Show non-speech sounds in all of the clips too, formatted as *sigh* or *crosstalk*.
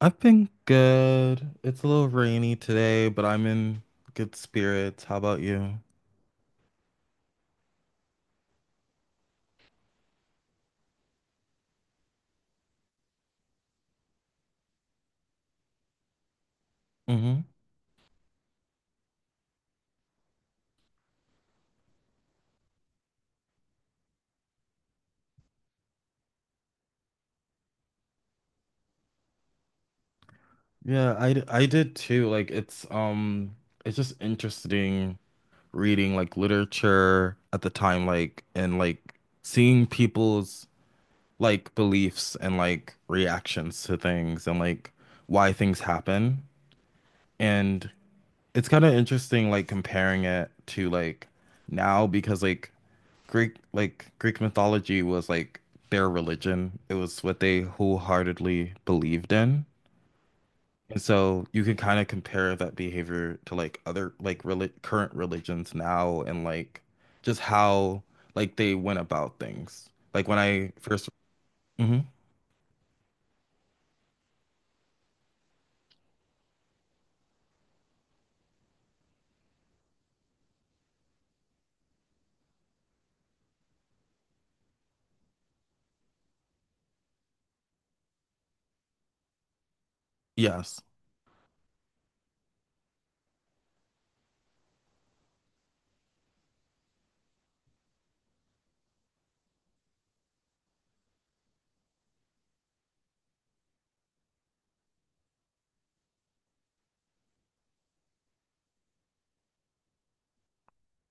I've been good. It's a little rainy today, but I'm in good spirits. How about you? Hmm. Yeah, I did too. Like it's just interesting reading, like, literature at the time, like, and like seeing people's, like, beliefs and, like, reactions to things, and, like, why things happen. And it's kind of interesting, like, comparing it to, like, now, because, like, Greek mythology was, like, their religion. It was what they wholeheartedly believed in. And so you can kind of compare that behavior to, like, other, like, reli current religions now, and, like, just how, like, they went about things. Like when I 1st. Hmm. Yes.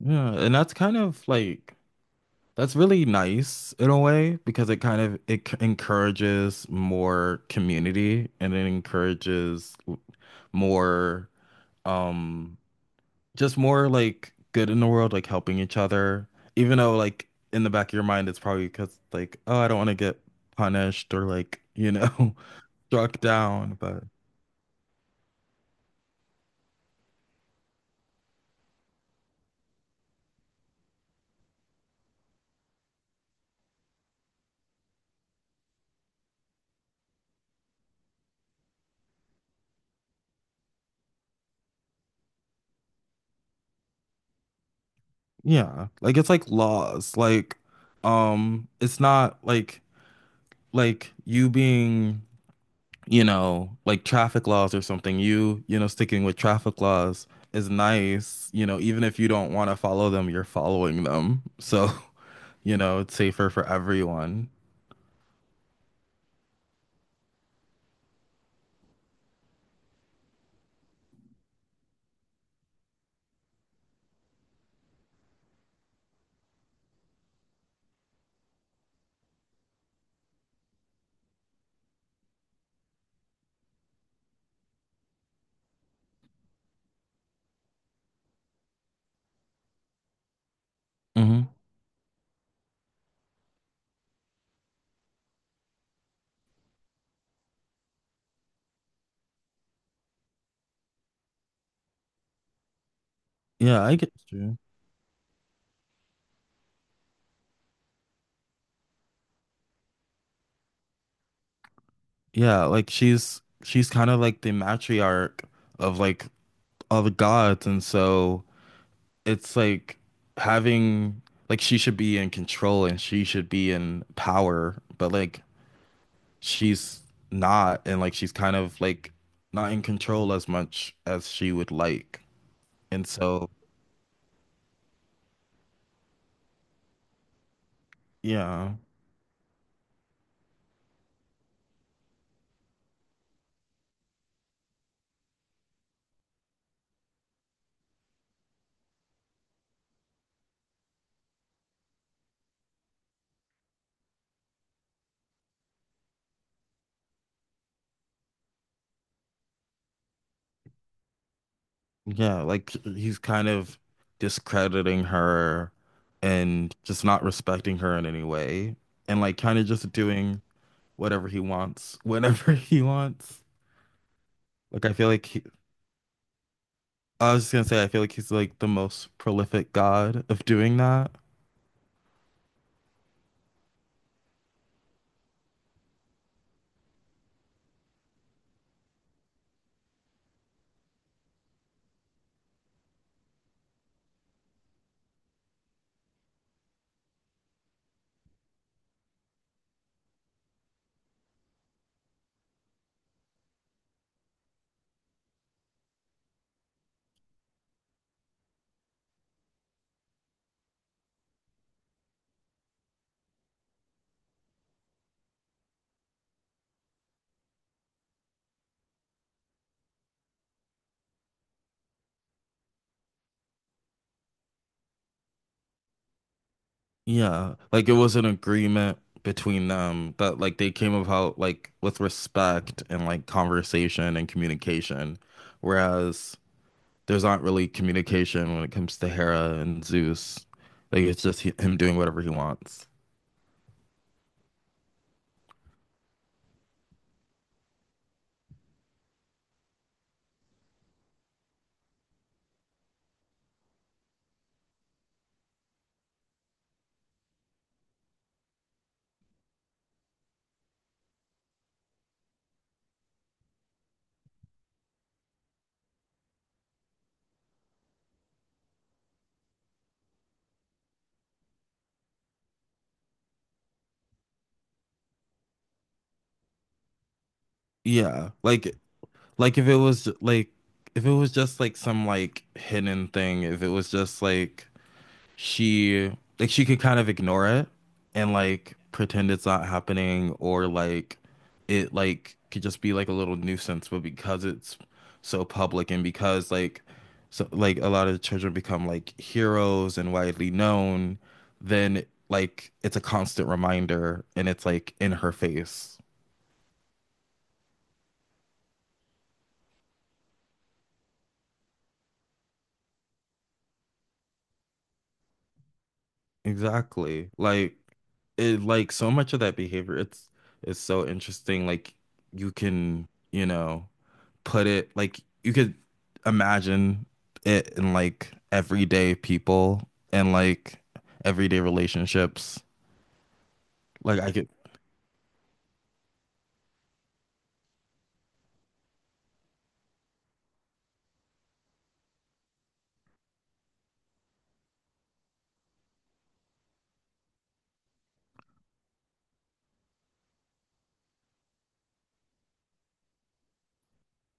Yeah, and that's kind of like, that's really nice in a way, because it kind of, encourages more community, and it encourages more, um just more, like, good in the world, like, helping each other, even though, like, in the back of your mind, it's probably because, like, oh, I don't want to get punished or, like, *laughs* struck down, but yeah, like, it's like laws. Like, it's not like, like you being, like traffic laws or something. Sticking with traffic laws is nice, even if you don't want to follow them, you're following them, so *laughs* it's safer for everyone. Hmm. Yeah, I get you. Yeah, like she's kind of like the matriarch of, like, all the gods, and so it's like having, like, she should be in control and she should be in power, but like she's not, and like she's kind of like not in control as much as she would like. And so, yeah. Yeah, like he's kind of discrediting her and just not respecting her in any way, and like kind of just doing whatever he wants whenever *laughs* he wants. Like I feel like I was just gonna say, I feel like he's, like, the most prolific god of doing that. Yeah, like it was an agreement between them that, like, they came about like with respect and, like, conversation and communication, whereas there's not really communication when it comes to Hera and Zeus. Like it's just him doing whatever he wants. Yeah, like if it was like if it was just like some like hidden thing, if it was just like she she could kind of ignore it and like pretend it's not happening, or like it like could just be like a little nuisance, but because it's so public and because like so like a lot of the children become like heroes and widely known, then like it's a constant reminder and it's like in her face. Exactly, like so much of that behavior, it's so interesting, like you can, you know, put it, like, you could imagine it in, like, everyday people and, like, everyday relationships. Like I could.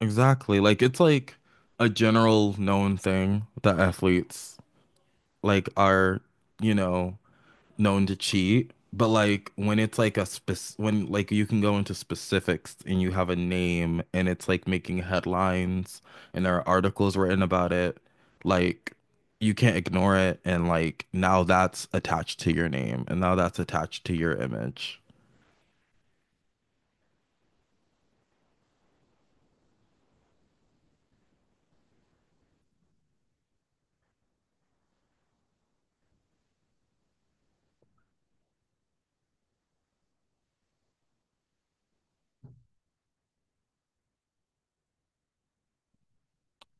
Exactly, like it's like a general known thing that athletes, like, are, you know, known to cheat, but like when it's like a spec when like you can go into specifics and you have a name, and it's like making headlines and there are articles written about it, like you can't ignore it, and like now that's attached to your name, and now that's attached to your image.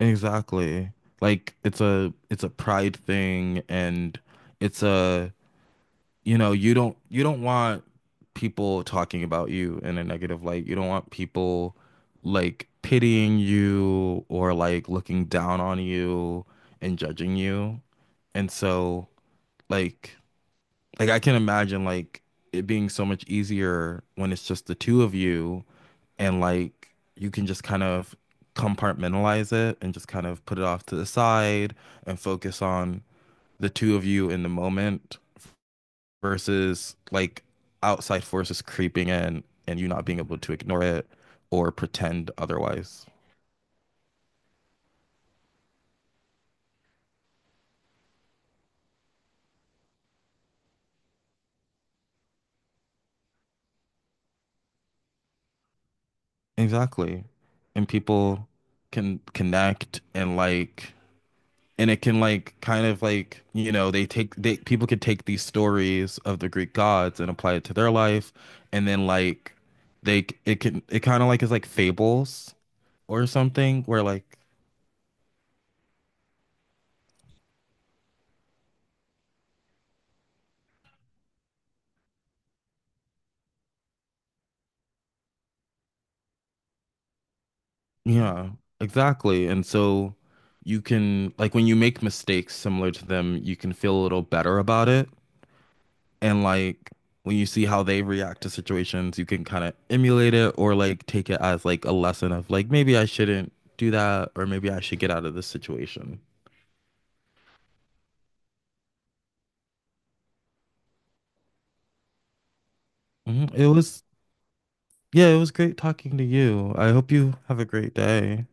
Exactly. Like it's a pride thing, and it's a, you know, you don't want people talking about you in a negative light. You don't want people like pitying you or like looking down on you and judging you. And so, like like I can imagine, like, it being so much easier when it's just the two of you, and like you can just kind of compartmentalize it and just kind of put it off to the side and focus on the two of you in the moment, versus, like, outside forces creeping in, and you not being able to ignore it or pretend otherwise. Exactly. And people can connect, and like, and it can, like, kind of like, you know, they take they people could take these stories of the greek gods and apply it to their life, and then like they it can it kind of like is like fables or something, where like, yeah, exactly. And so you can, like, when you make mistakes similar to them, you can feel a little better about it. And, like, when you see how they react to situations, you can kind of emulate it or, like, take it as, like, a lesson of, like, maybe I shouldn't do that or maybe I should get out of this situation. Mhm. It was, yeah, it was great talking to you. I hope you have a great day.